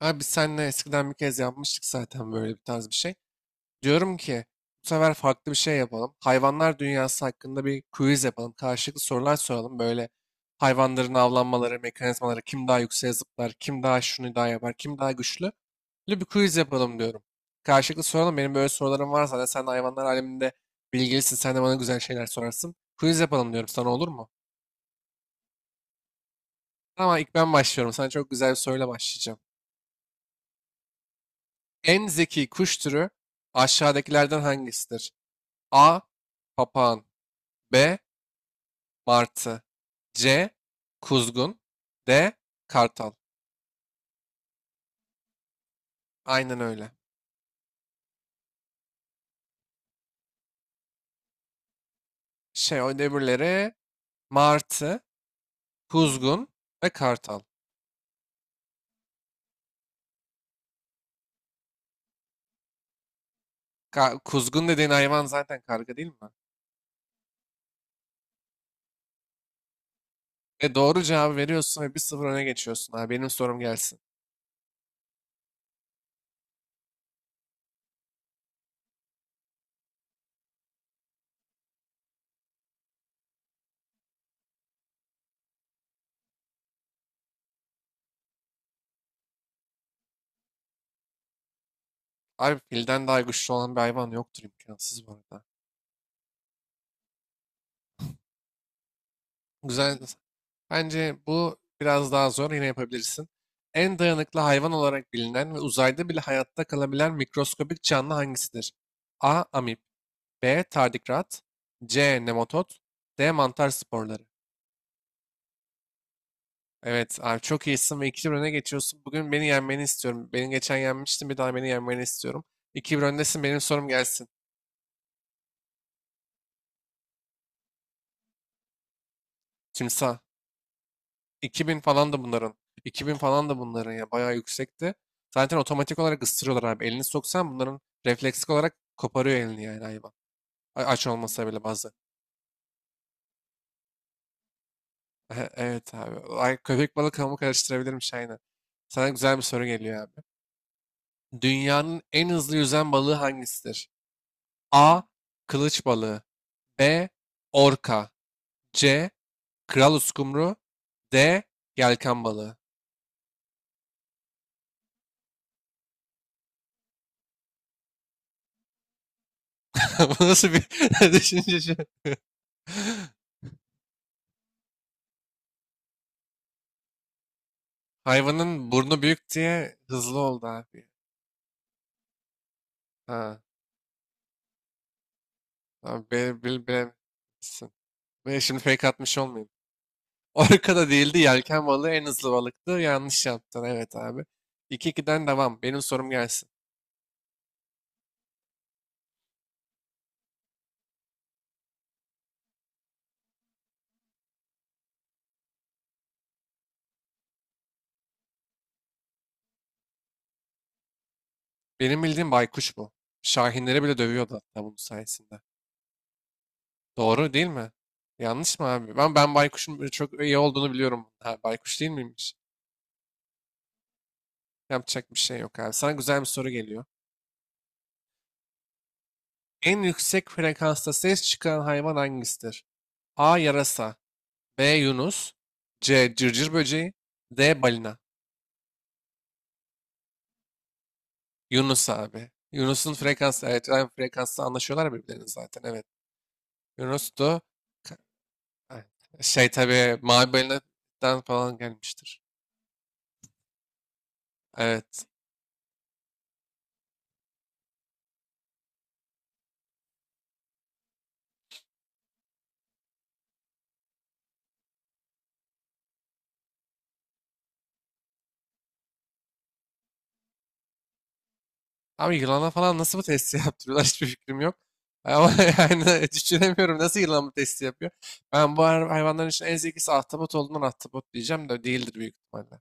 Abi biz seninle eskiden bir kez yapmıştık zaten böyle bir tarz bir şey. Diyorum ki bu sefer farklı bir şey yapalım. Hayvanlar dünyası hakkında bir quiz yapalım. Karşılıklı sorular soralım. Böyle hayvanların avlanmaları, mekanizmaları, kim daha yükseğe zıplar, kim daha şunu daha yapar, kim daha güçlü. Böyle bir quiz yapalım diyorum. Karşılıklı soralım. Benim böyle sorularım var zaten. Sen de hayvanlar aleminde bilgilisin. Sen de bana güzel şeyler sorarsın. Quiz yapalım diyorum sana, olur mu? Ama ilk ben başlıyorum. Sana çok güzel bir soruyla başlayacağım. En zeki kuş türü aşağıdakilerden hangisidir? A. Papağan. B. Martı. C. Kuzgun. D. Kartal. Aynen öyle. O öbürleri martı, kuzgun ve kartal. Kuzgun dediğin hayvan zaten karga değil mi? Doğru cevabı veriyorsun ve bir 0 öne geçiyorsun. Abi benim sorum gelsin. Abi filden daha güçlü olan bir hayvan yoktur, imkansız bu arada. Güzel. Bence bu biraz daha zor. Yine yapabilirsin. En dayanıklı hayvan olarak bilinen ve uzayda bile hayatta kalabilen mikroskobik canlı hangisidir? A. Amip. B. Tardigrat. C. Nematod. D. Mantar sporları. Evet abi, çok iyisin ve iki 1 öne geçiyorsun. Bugün beni yenmeni istiyorum. Beni geçen yenmiştin, bir daha beni yenmeni istiyorum. 2-1 öndesin, benim sorum gelsin. Timsah. 2000 falan da bunların. 2000 falan da bunların ya, bayağı yüksekti. Zaten otomatik olarak ısırıyorlar abi. Elini soksan bunların refleksik olarak koparıyor elini yani hayvan. Aç olmasa bile bazı. Evet abi. Ay, köpek balığı hamur karıştırabilirmiş aynen. Sana güzel bir soru geliyor abi. Dünyanın en hızlı yüzen balığı hangisidir? A. Kılıç balığı. B. Orka. C. Kral uskumru. D. Yelken balığı. Bu nasıl bir düşünce şu? Hayvanın burnu büyük diye hızlı oldu abi. Ha, tamam, bilememişsin. Ve şimdi fake atmış olmayayım. Orka da değildi, yelken balığı en hızlı balıktı. Yanlış yaptın, evet abi. İki 2'den devam. Benim sorum gelsin. Benim bildiğim baykuş bu. Şahinleri bile dövüyordu hatta bunun sayesinde. Doğru değil mi? Yanlış mı abi? Ben baykuşun böyle çok iyi olduğunu biliyorum. Ha, baykuş değil miymiş? Yapacak bir şey yok abi. Sana güzel bir soru geliyor. En yüksek frekansta ses çıkaran hayvan hangisidir? A. Yarasa. B. Yunus. C. Cırcır böceği. D. Balina. Yunus abi. Yunus'un frekansı. Evet, aynı frekansta anlaşıyorlar birbirlerini zaten. Evet. Yunus'tu. Ka- evet. Tabii mavi balinadan falan gelmiştir. Evet. Abi yılana falan nasıl bu testi yaptırıyorlar, hiçbir fikrim yok. Ama yani düşünemiyorum nasıl yılan bu testi yapıyor. Ben bu hayvanların için en zekisi ahtapot olduğundan ahtapot diyeceğim, de değildir büyük ihtimalle.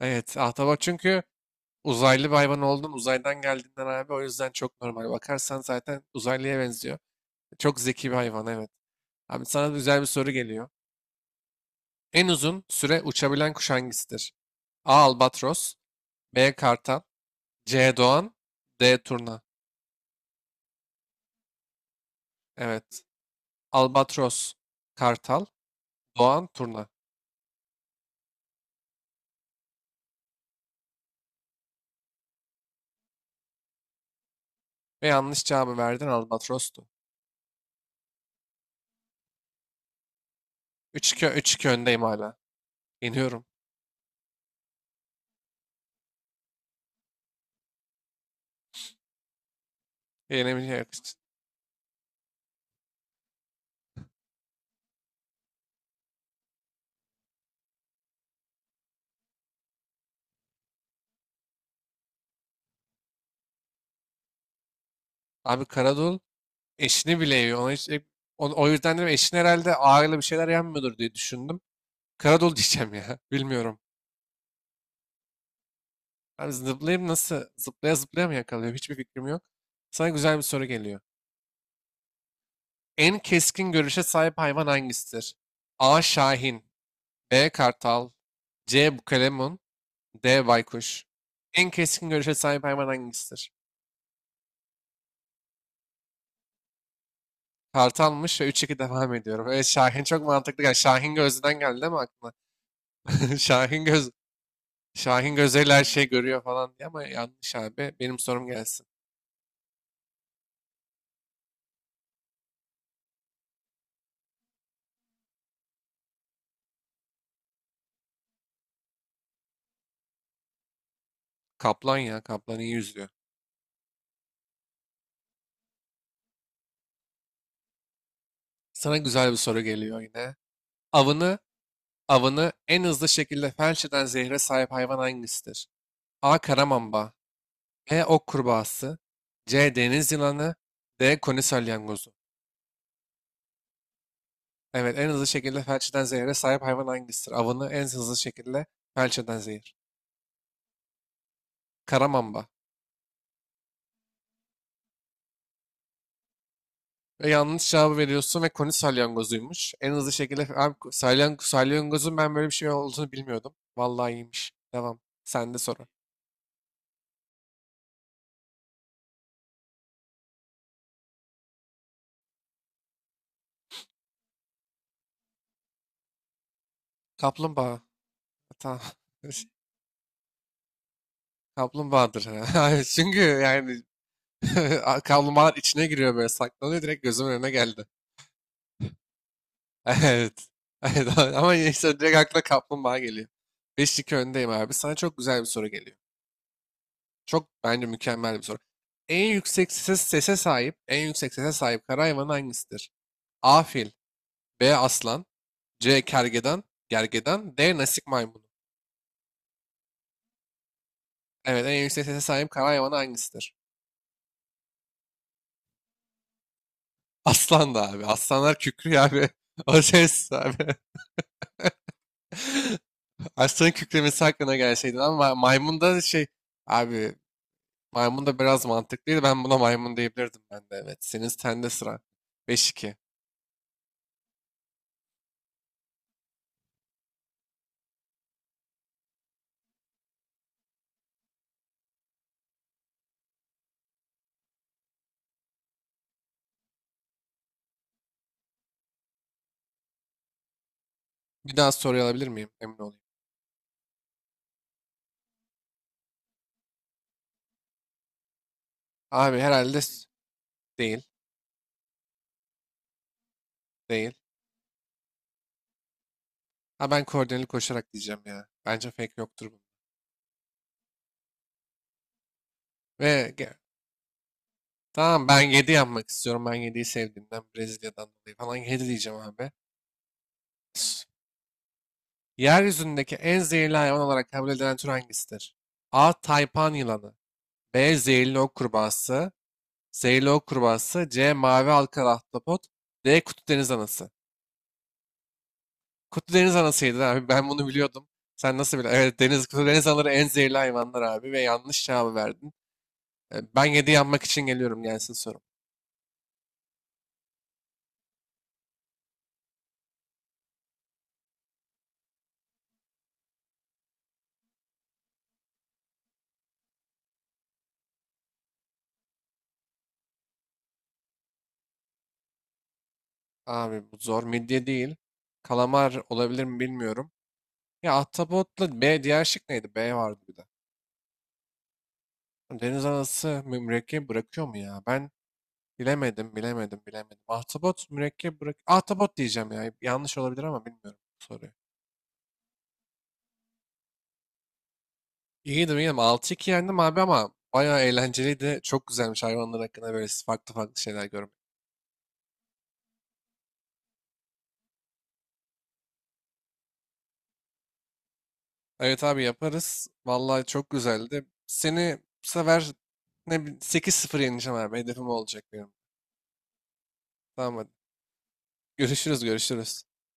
Evet ahtapot çünkü uzaylı bir hayvan oldun, uzaydan geldiğinden abi, o yüzden çok normal. Bakarsan zaten uzaylıya benziyor. Çok zeki bir hayvan, evet. Abi sana güzel bir soru geliyor. En uzun süre uçabilen kuş hangisidir? A. Albatros. B. Kartal. C. Doğan. D. Turna. Evet. Albatros, Kartal, Doğan, Turna. Ve yanlış cevabı verdin, Albatros'tu. Üç 2 öndeyim hala. Yeniyorum. Yenemeyecek. Abi Karadul. Eşini bile yiyor. Ona hiç, o yüzden dedim eşin herhalde ağırlı bir şeyler yenmiyordur diye düşündüm. Karadolu diyeceğim ya. Bilmiyorum. Abi zıplayayım nasıl? Zıplaya zıplaya mı yakalıyor? Hiçbir fikrim yok. Sana güzel bir soru geliyor. En keskin görüşe sahip hayvan hangisidir? A. Şahin. B. Kartal. C. Bukalemun. D. Baykuş. En keskin görüşe sahip hayvan hangisidir? Kartalmış ve 3-2 devam ediyorum. Evet Şahin çok mantıklı. Yani Şahin gözden geldi değil mi aklına? Şahin göz Şahin Gözel her şeyi görüyor falan diye, ama yanlış abi. Benim sorum gelsin. Kaplan ya. Kaplan iyi yüzüyor. Sana güzel bir soru geliyor yine. Avını, avını en hızlı şekilde felç eden zehre sahip hayvan hangisidir? A. Karamamba. B. Ok kurbağası. C. Deniz yılanı. D. Koni salyangozu. Evet, en hızlı şekilde felç eden zehre sahip hayvan hangisidir? Avını en hızlı şekilde felç eden zehir. Karamamba. Ve yanlış cevabı veriyorsun ve koni salyangozuymuş. En hızlı şekilde abi salyangozun ben böyle bir şey olduğunu bilmiyordum. Vallahi iyiymiş. Devam. Sen de soru. Kaplumbağa. Tamam. Kaplumbağadır. Hayır, çünkü yani kaplumbağalar içine giriyor, böyle saklanıyor, direkt gözümün önüne geldi. Evet. Evet, ama işte direkt akla kaplumbağa geliyor. 5-2 öndeyim abi. Sana çok güzel bir soru geliyor. Çok, bence mükemmel bir soru. En yüksek sese sahip, en yüksek sese sahip kara hayvanı hangisidir? A fil, B aslan, C kergeden, gergedan, D nasik maymunu. Evet, en yüksek sese sahip kara hayvanı hangisidir? Aslan da abi. Aslanlar kükrüyor abi. O ses abi. Aslanın kükremesi hakkında gelseydi, ama maymun da abi, maymun da biraz mantıklıydı. Ben buna maymun diyebilirdim ben de, evet. Senin sende sıra. Beş iki. Bir daha soru alabilir miyim? Emin olayım. Abi herhalde değil. Değil. Ha, ben koordineli koşarak diyeceğim ya. Bence fake yoktur bu. Ve ge- Tamam, ben 7 yapmak istiyorum. Ben yediyi sevdiğimden Brezilya'dan dolayı falan 7 diyeceğim abi. Yeryüzündeki en zehirli hayvan olarak kabul edilen tür hangisidir? A. Taypan yılanı. B. Zehirli ok kurbağası. Zehirli ok kurbağası. C. Mavi halkalı ahtapot. D. Kutu deniz anası. Kutu deniz anasıydı abi. Ben bunu biliyordum. Sen nasıl biliyorsun? Evet kutu deniz anaları en zehirli hayvanlar abi ve yanlış cevabı verdin. Ben 7 yapmak için geliyorum, gelsin sorum. Abi bu zor. Midye değil. Kalamar olabilir mi bilmiyorum. Ya Ahtapot'la B, diğer şık neydi? B vardı bir de. Deniz anası mürekkep bırakıyor mu ya? Ben bilemedim, bilemedim, bilemedim. Ahtapot mürekkep bırak. Ahtapot diyeceğim ya. Yanlış olabilir ama bilmiyorum bu soruyu. İyiydim, iyiydim. 6-2 yendim abi, ama bayağı eğlenceliydi. Çok güzelmiş hayvanlar hakkında böyle farklı farklı şeyler görmek. Evet abi, yaparız. Vallahi çok güzeldi. Seni bu sefer 8 sıfır yeneceğim abi. Hedefim o olacak benim. Tamam hadi. Görüşürüz, görüşürüz.